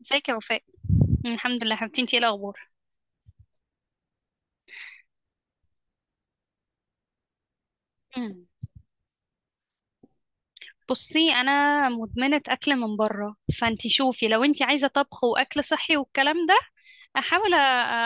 ازيك يا وفاء. الحمد لله حبيبتي، انتي ايه الاخبار؟ مم. بصي انا مدمنه اكل من بره، فانتي شوفي لو انتي عايزه طبخ واكل صحي والكلام ده. احاول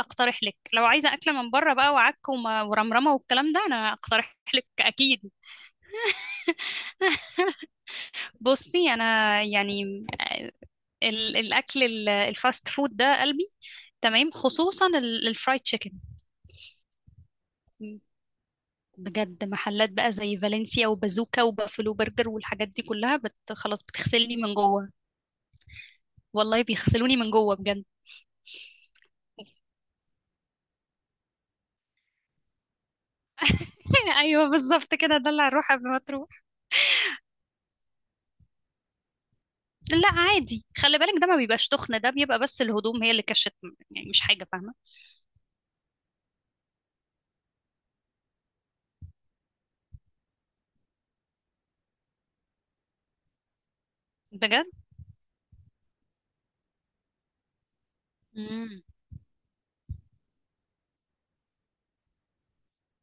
اقترح لك. لو عايزه اكل من بره بقى وعك ورمرمه والكلام ده، انا اقترح لك اكيد. بصي انا، يعني الاكل الفاست فود ده قلبي، تمام، خصوصا الفرايد تشيكن. بجد محلات بقى زي فالنسيا وبازوكا وبافلو برجر والحاجات دي كلها خلاص بتغسلني من جوه. والله بيغسلوني من جوه بجد. ايوه بالظبط كده، ده اللي هروح قبل ما تروح. لا عادي، خلي بالك، ده ما بيبقاش تخن، ده بيبقى بس الهدوم هي اللي كشت، يعني مش حاجه فاهمه. بجد.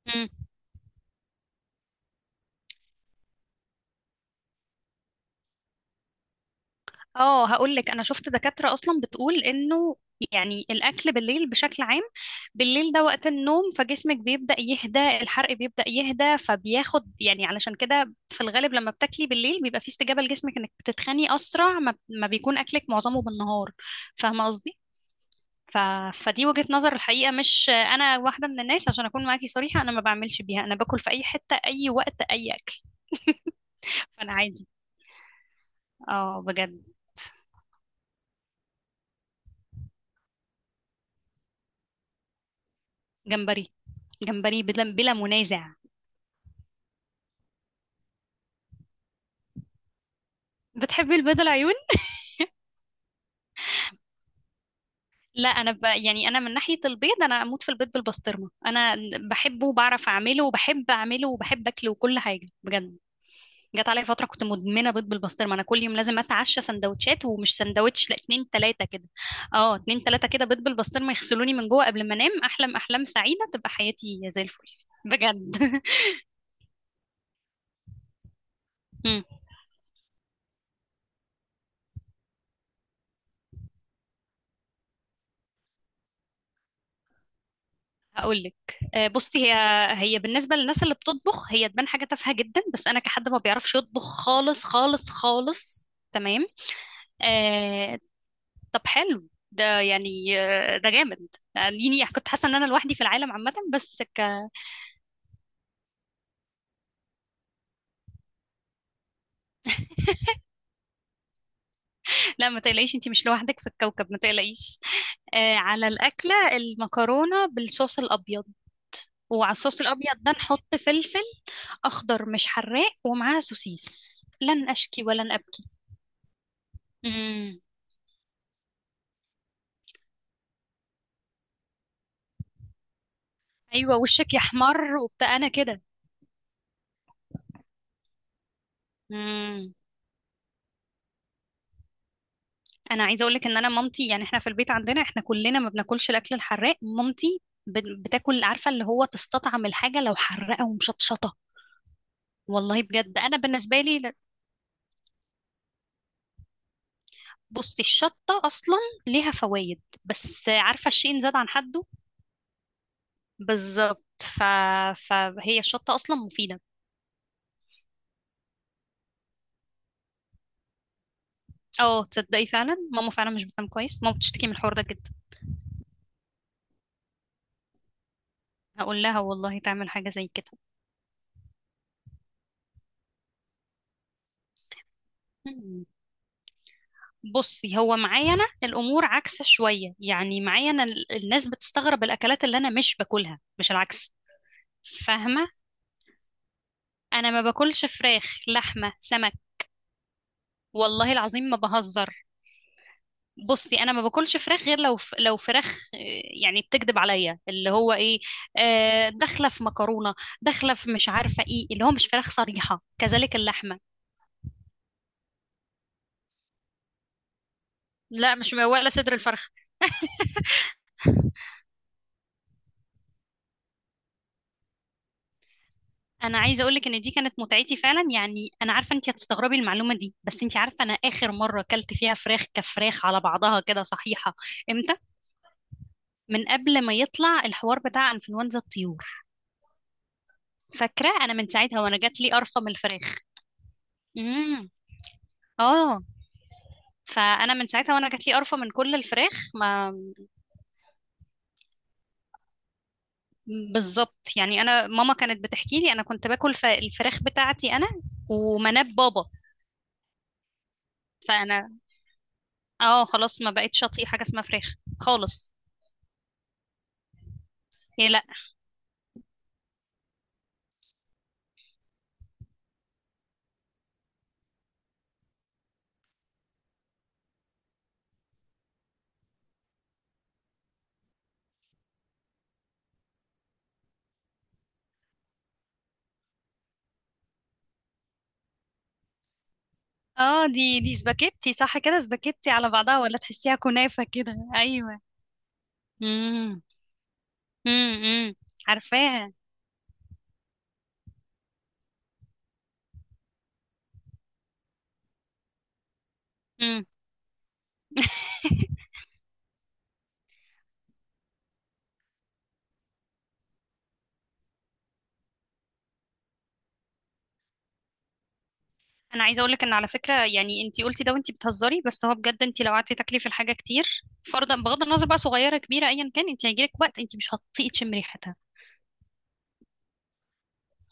امم. اه هقول لك، انا شفت دكاترة اصلا بتقول انه يعني الاكل بالليل بشكل عام، بالليل ده وقت النوم، فجسمك بيبدأ يهدى، الحرق بيبدأ يهدى، فبياخد يعني، علشان كده في الغالب لما بتاكلي بالليل بيبقى في استجابة لجسمك انك بتتخني اسرع ما بيكون اكلك معظمه بالنهار. فاهمة قصدي؟ ف... فدي وجهة نظر الحقيقة. مش انا واحدة من الناس، عشان اكون معاكي صريحة انا ما بعملش بيها، انا باكل في اي حتة اي وقت اي اكل. فانا عادي. اه بجد. جمبري. جمبري بلا منازع. بتحبي البيض العيون؟ لا انا يعني انا من ناحيه البيض انا اموت في البيض بالبسطرمه. انا بحبه وبعرف اعمله وبحب اعمله وبحب اكله وكل حاجه بجد. جت عليا فتره كنت مدمنه بيض بالبسطرمه، انا كل يوم لازم اتعشى سندوتشات، ومش سندوتش لا، اتنين تلاته كده. اه اتنين تلاته كده بيض بالبسطرمه يغسلوني من جوه قبل ما انام، احلم احلام سعيده، تبقى حياتي زي الفل. بجد. هقول لك، بصي هي بالنسبه للناس اللي بتطبخ هي تبان حاجه تافهه جدا، بس انا كحد ما بيعرفش يطبخ خالص خالص خالص. تمام. آه. طب حلو ده، يعني ده جامد. يعني كنت حاسه ان انا لوحدي في العالم عامه، بس لا، ما تقلقيش، انتي مش لوحدك في الكوكب، ما تقلقيش. آه. على الاكله المكرونه بالصوص الابيض، وعلى الصوص الابيض ده نحط فلفل اخضر مش حراق ومعاه سوسيس لن اشكي ولن ابكي. ايوه وشك يحمر وبتاع، انا كده. امم. انا عايزه اقول لك ان انا مامتي، يعني احنا في البيت عندنا احنا كلنا ما بناكلش الاكل الحراق. مامتي بتاكل، عارفه اللي هو تستطعم الحاجه لو حراقه ومشطشطه. والله بجد انا بالنسبه لي بصي الشطه اصلا ليها فوائد، بس عارفه الشيء إن زاد عن حده. بالظبط. فهي الشطه اصلا مفيده. اه تصدقي فعلا ماما فعلا مش بتنام كويس، ماما بتشتكي من الحوار ده جدا. هقول لها والله تعمل حاجه زي كده. بصي هو معايا انا الامور عكسه شويه، يعني معايا انا الناس بتستغرب الاكلات اللي انا مش باكلها، مش العكس. فاهمه. انا ما باكلش فراخ لحمه سمك. والله العظيم ما بهزر. بصي انا ما باكلش فراخ غير لو لو فراخ يعني بتكذب عليا، اللي هو ايه، داخله في مكرونه، داخله في مش عارفه ايه، اللي هو مش فراخ صريحه، كذلك اللحمه. لا مش ولا صدر الفرخ. انا عايزه اقول لك ان دي كانت متعتي فعلا، يعني انا عارفه انت هتستغربي المعلومه دي، بس انت عارفه انا اخر مره اكلت فيها فراخ كفراخ على بعضها كده صحيحه؟ امتى؟ من قبل ما يطلع الحوار بتاع انفلونزا الطيور. فاكره انا من ساعتها وانا جات لي قرفه من الفراخ. امم. اه. فانا من ساعتها وانا جات لي قرفه من كل الفراخ ما. بالظبط، يعني انا ماما كانت بتحكي لي انا كنت باكل الفراخ بتاعتي انا ومناب بابا. فانا، اه خلاص ما بقتش اطيق حاجه اسمها فراخ خالص. هي لا. اه دي سباكيتي صح كده، سباكيتي على بعضها ولا تحسيها كنافة كده؟ ايوه. امم. امم. عارفاها. امم. انا عايزه اقول لك ان على فكره، يعني انت قلتي ده وانت بتهزري، بس هو بجد، انت لو قعدتي تاكلي في الحاجه كتير، فرضا بغض النظر بقى صغيره كبيره ايا كان، انت هيجيلك وقت انت مش هتطيقي تشمي ريحتها.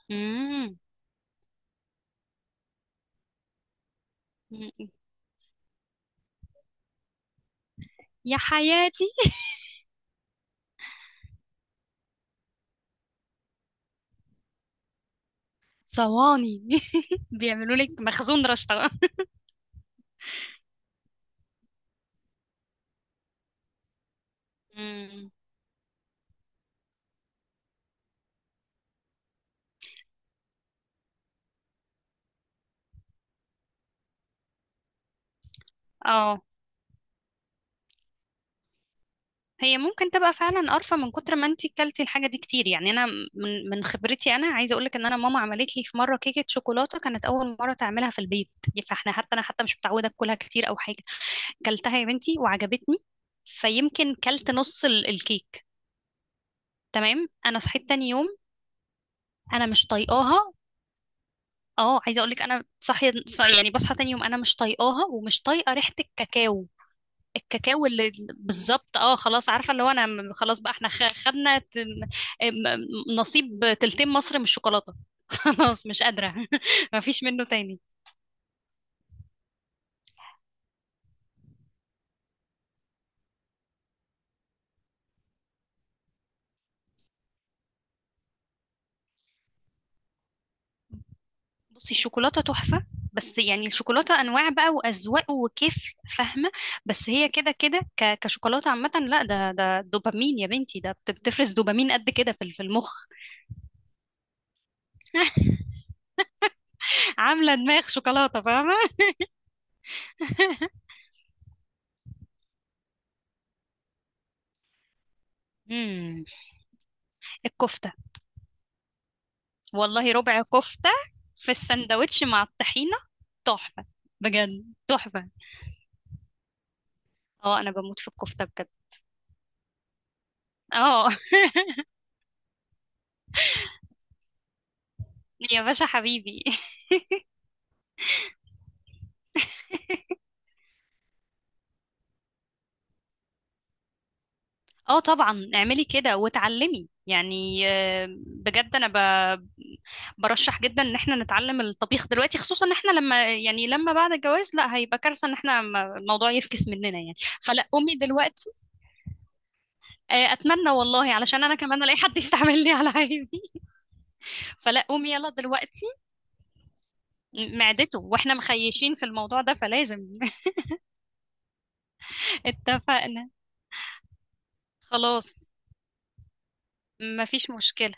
امم. يا حياتي. صواني. بيعملوا لك مخزون رشطه. امم. اه. هي ممكن تبقى فعلا قرفة من كتر ما انتي كلتي الحاجة دي كتير، يعني انا من خبرتي انا عايزة اقولك ان انا ماما عملت لي في مرة كيكة شوكولاتة، كانت اول مرة تعملها في البيت، فاحنا حتى، انا حتى مش متعودة اكلها كتير او حاجة. كلتها يا بنتي وعجبتني، فيمكن كلت نص الكيك. تمام. انا صحيت تاني يوم انا مش طايقاها. اه عايزة اقولك انا يعني بصحى تاني يوم انا مش طايقاها، ومش طايقة ريحة الكاكاو. الكاكاو اللي، بالظبط، اه خلاص، عارفه اللي هو انا خلاص بقى احنا خدنا نصيب تلتين مصر من الشوكولاته. خلاص مش قادره ما فيش منه تاني. بصي الشوكولاته تحفه، بس يعني الشوكولاته انواع بقى واذواق وكيف فاهمه، بس هي كده كده كشوكولاته عامه لا، ده دوبامين يا بنتي، ده بتفرز دوبامين قد كده في في المخ. عامله دماغ شوكولاته فاهمه. امم. الكفته. والله ربع كفتة في السندوتش مع الطحينة، تحفة، بجد تحفة. اه انا بموت في الكفتة بجد. اه. يا باشا حبيبي. اه طبعا اعملي كده وتعلمي، يعني بجد انا ب... برشح جدا ان احنا نتعلم الطبيخ دلوقتي، خصوصا ان احنا لما يعني لما بعد الجواز لا هيبقى كارثة ان احنا الموضوع يفكس مننا يعني، فلا قومي دلوقتي. اتمنى والله، علشان انا كمان الاقي حد يستعملني على عيبي. فلا قومي يلا دلوقتي. معدته، واحنا مخيشين في الموضوع ده فلازم. اتفقنا. خلاص مفيش مشكلة.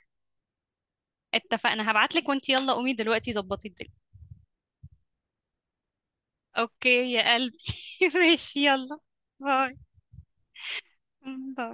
اتفقنا، هبعتلك وانت يلا قومي دلوقتي ظبطي الدنيا. اوكي يا قلبي. ماشي يلا. باي. باي.